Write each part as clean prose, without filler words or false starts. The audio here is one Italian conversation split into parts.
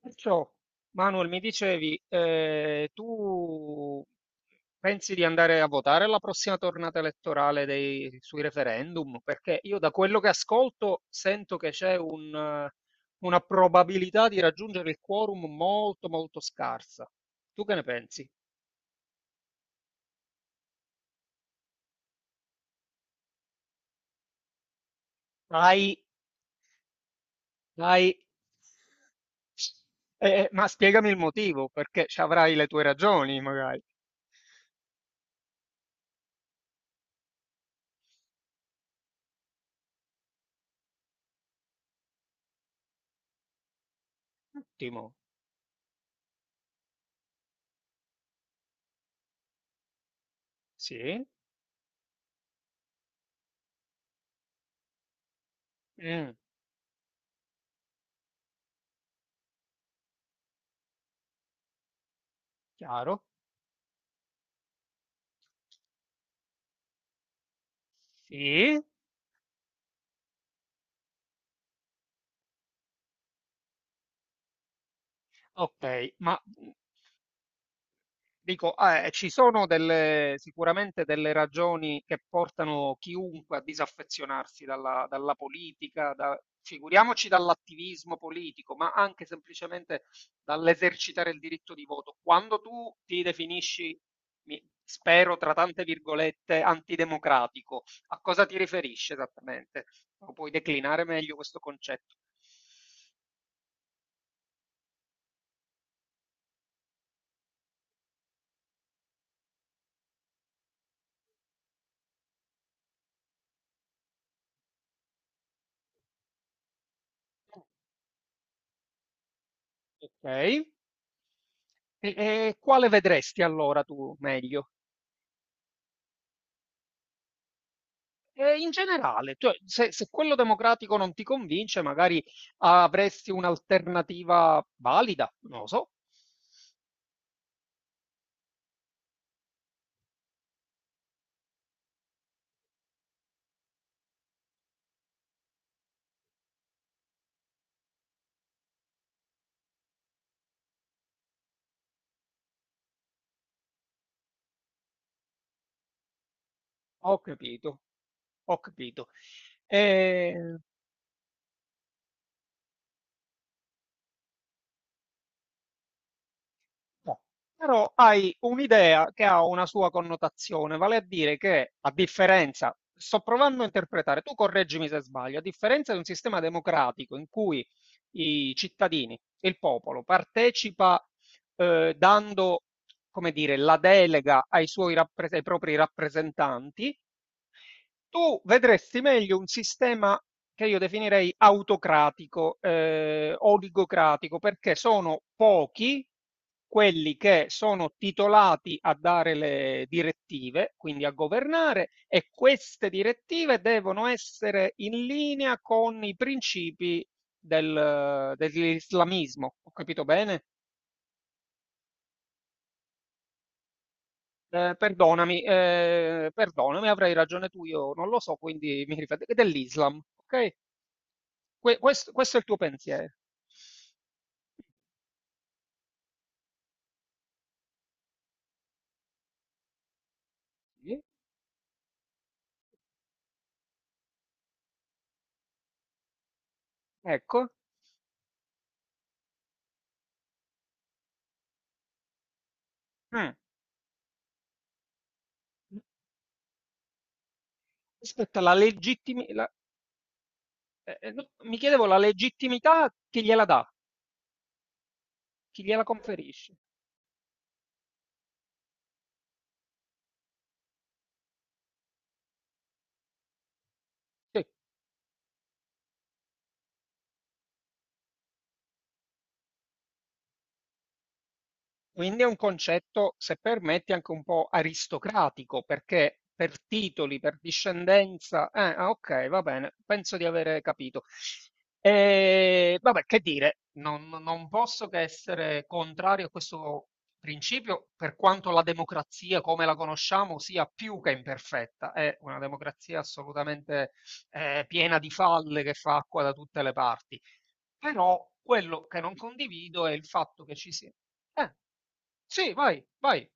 Perciò, Manuel, mi dicevi, tu pensi di andare a votare alla prossima tornata elettorale sui referendum? Perché io da quello che ascolto sento che c'è una probabilità di raggiungere il quorum molto molto scarsa. Tu che ne pensi? Dai, dai. Ma spiegami il motivo, perché ci avrai le tue ragioni, magari. Ottimo. Sì. Mm, chiaro. Sì. Ok, dico, ci sono sicuramente delle ragioni che portano chiunque a disaffezionarsi dalla politica, figuriamoci dall'attivismo politico, ma anche semplicemente dall'esercitare il diritto di voto. Quando tu ti definisci, spero tra tante virgolette, antidemocratico, a cosa ti riferisci esattamente? Lo puoi declinare meglio questo concetto? Ok, e quale vedresti allora tu meglio? In generale, cioè se quello democratico non ti convince, magari avresti un'alternativa valida, non lo so. Ho capito, ho capito. Ehm, no. Però hai un'idea che ha una sua connotazione, vale a dire che a differenza sto provando a interpretare, tu correggimi se sbaglio, a differenza di un sistema democratico in cui i cittadini, il popolo partecipa, dando come dire, la delega ai suoi ai propri rappresentanti, tu vedresti meglio un sistema che io definirei autocratico, oligocratico, perché sono pochi quelli che sono titolati a dare le direttive, quindi a governare, e queste direttive devono essere in linea con i principi dell'islamismo. Ho capito bene? Perdonami, perdonami, avrai ragione tu, io non lo so, quindi mi rifà dell'Islam, okay? Questo è il tuo pensiero. Sì, ecco. Mh. Aspetta, la no, mi chiedevo la legittimità chi gliela dà, chi gliela conferisce. Sì. Quindi è un concetto, se permetti, anche un po' aristocratico, perché per titoli, per discendenza, ah, ok, va bene, penso di avere capito. E, vabbè, che dire, non posso che essere contrario a questo principio, per quanto la democrazia come la conosciamo sia più che imperfetta, è una democrazia assolutamente piena di falle che fa acqua da tutte le parti. Però quello che non condivido è il fatto che ci sia eh, sì, vai, vai.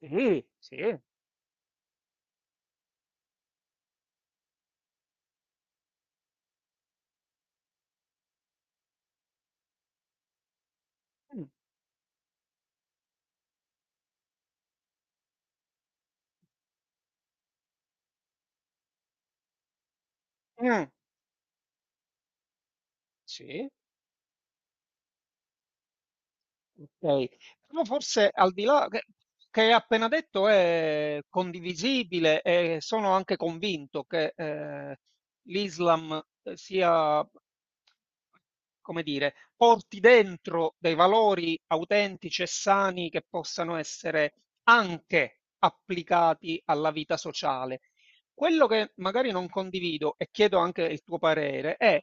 Sì, sì. Mh, mh, sì. Okay. Però forse al di là che hai appena detto è condivisibile e sono anche convinto che, l'Islam, sia come dire, porti dentro dei valori autentici e sani che possano essere anche applicati alla vita sociale. Quello che magari non condivido e chiedo anche il tuo parere è,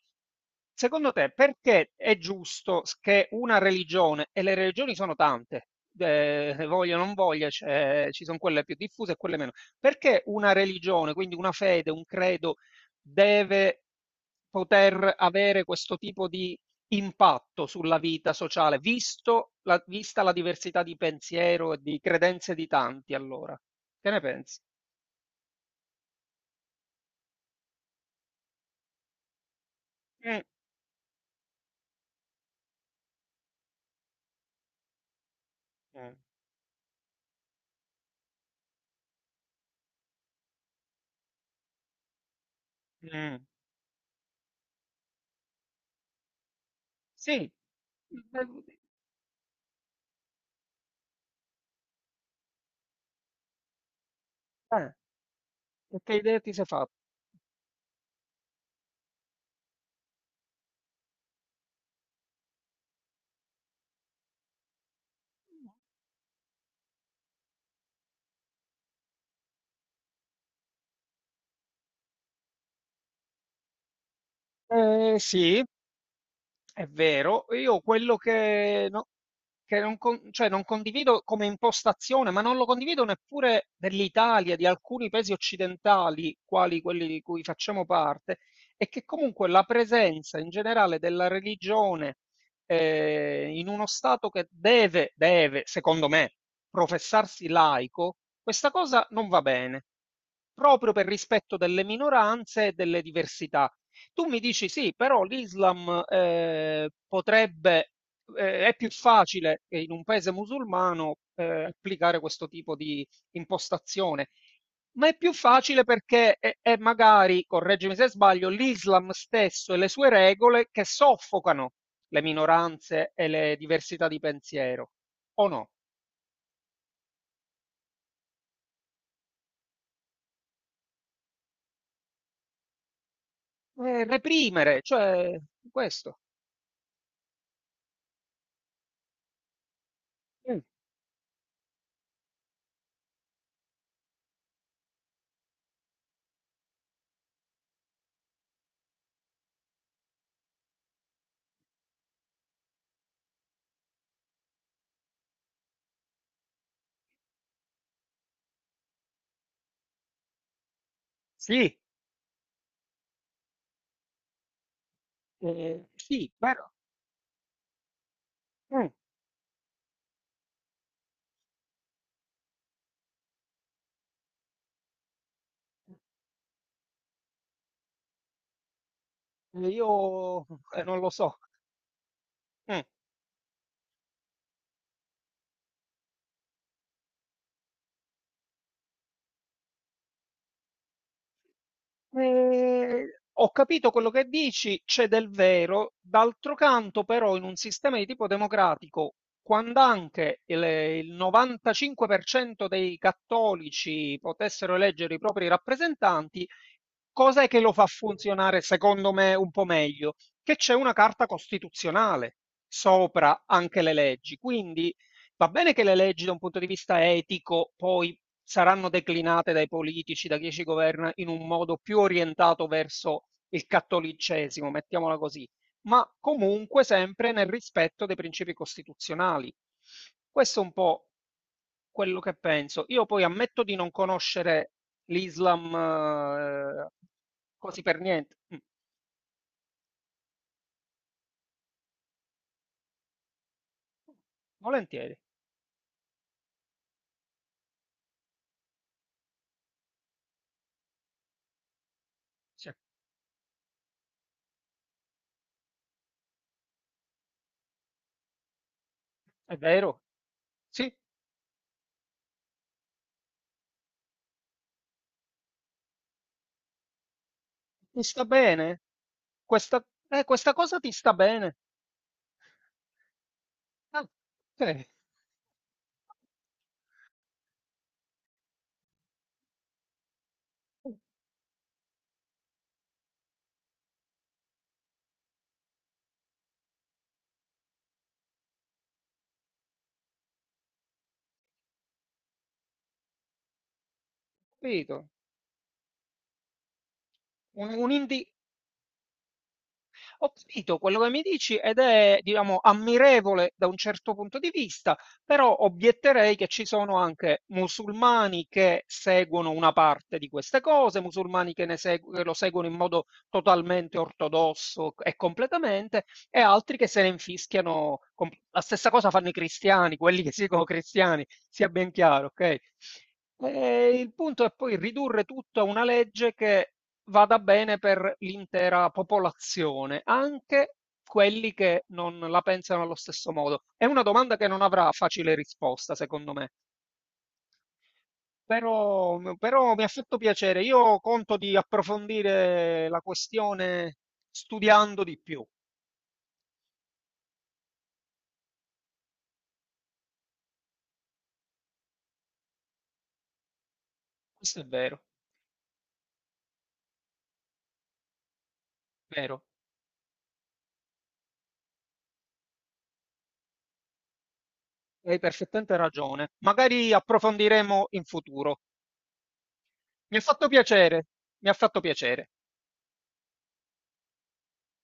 secondo te, perché è giusto che una religione, e le religioni sono tante, voglia o non voglia, ci sono quelle più diffuse e quelle meno, perché una religione, quindi una fede, un credo, deve poter avere questo tipo di impatto sulla vita sociale, visto vista la diversità di pensiero e di credenze di tanti, allora? Che ne pensi? Mm. Mm. Mh. Sì, eh, che idea ti sei fa Eh sì, è vero. Io quello che no Che non con cioè non condivido come impostazione, ma non lo condivido neppure dell'Italia, di alcuni paesi occidentali, quali quelli di cui facciamo parte, è che comunque la presenza in generale della religione, in uno Stato che deve, secondo me, professarsi laico, questa cosa non va bene, proprio per rispetto delle minoranze e delle diversità. Tu mi dici: "Sì, però l'Islam, potrebbe" è più facile in un paese musulmano applicare questo tipo di impostazione, ma è più facile perché è magari, correggimi se sbaglio, l'Islam stesso e le sue regole che soffocano le minoranze e le diversità di pensiero, o no? Reprimere, cioè questo. Mm, Sì, sì, però mm, io non lo so. Mm. Ehm, ho capito quello che dici, c'è del vero, d'altro canto però in un sistema di tipo democratico, quando anche il 95% dei cattolici potessero eleggere i propri rappresentanti, cos'è che lo fa funzionare secondo me un po' meglio? Che c'è una carta costituzionale sopra anche le leggi, quindi va bene che le leggi da un punto di vista etico poi saranno declinate dai politici, da chi ci governa, in un modo più orientato verso il cattolicesimo, mettiamola così, ma comunque sempre nel rispetto dei principi costituzionali. Questo è un po' quello che penso. Io poi ammetto di non conoscere l'Islam eh, così per niente. Mm. Volentieri, sì. È vero? Sì, ti sta bene? Questa, questa cosa ti sta bene? Ah, ok. Capito, un indi ho capito quello che mi dici ed è, diciamo, ammirevole da un certo punto di vista, però obietterei che ci sono anche musulmani che seguono una parte di queste cose, musulmani che, che lo seguono in modo totalmente ortodosso e completamente, e altri che se ne infischiano. La stessa cosa fanno i cristiani, quelli che si dicono cristiani, sia ben chiaro, ok? E il punto è poi ridurre tutto a una legge che vada bene per l'intera popolazione, anche quelli che non la pensano allo stesso modo. È una domanda che non avrà facile risposta, secondo me. Però, però mi ha fatto piacere. Io conto di approfondire la questione studiando di più. Questo è vero, vero. Hai perfettamente ragione. Magari approfondiremo in futuro. Mi ha fatto piacere, mi ha fatto piacere.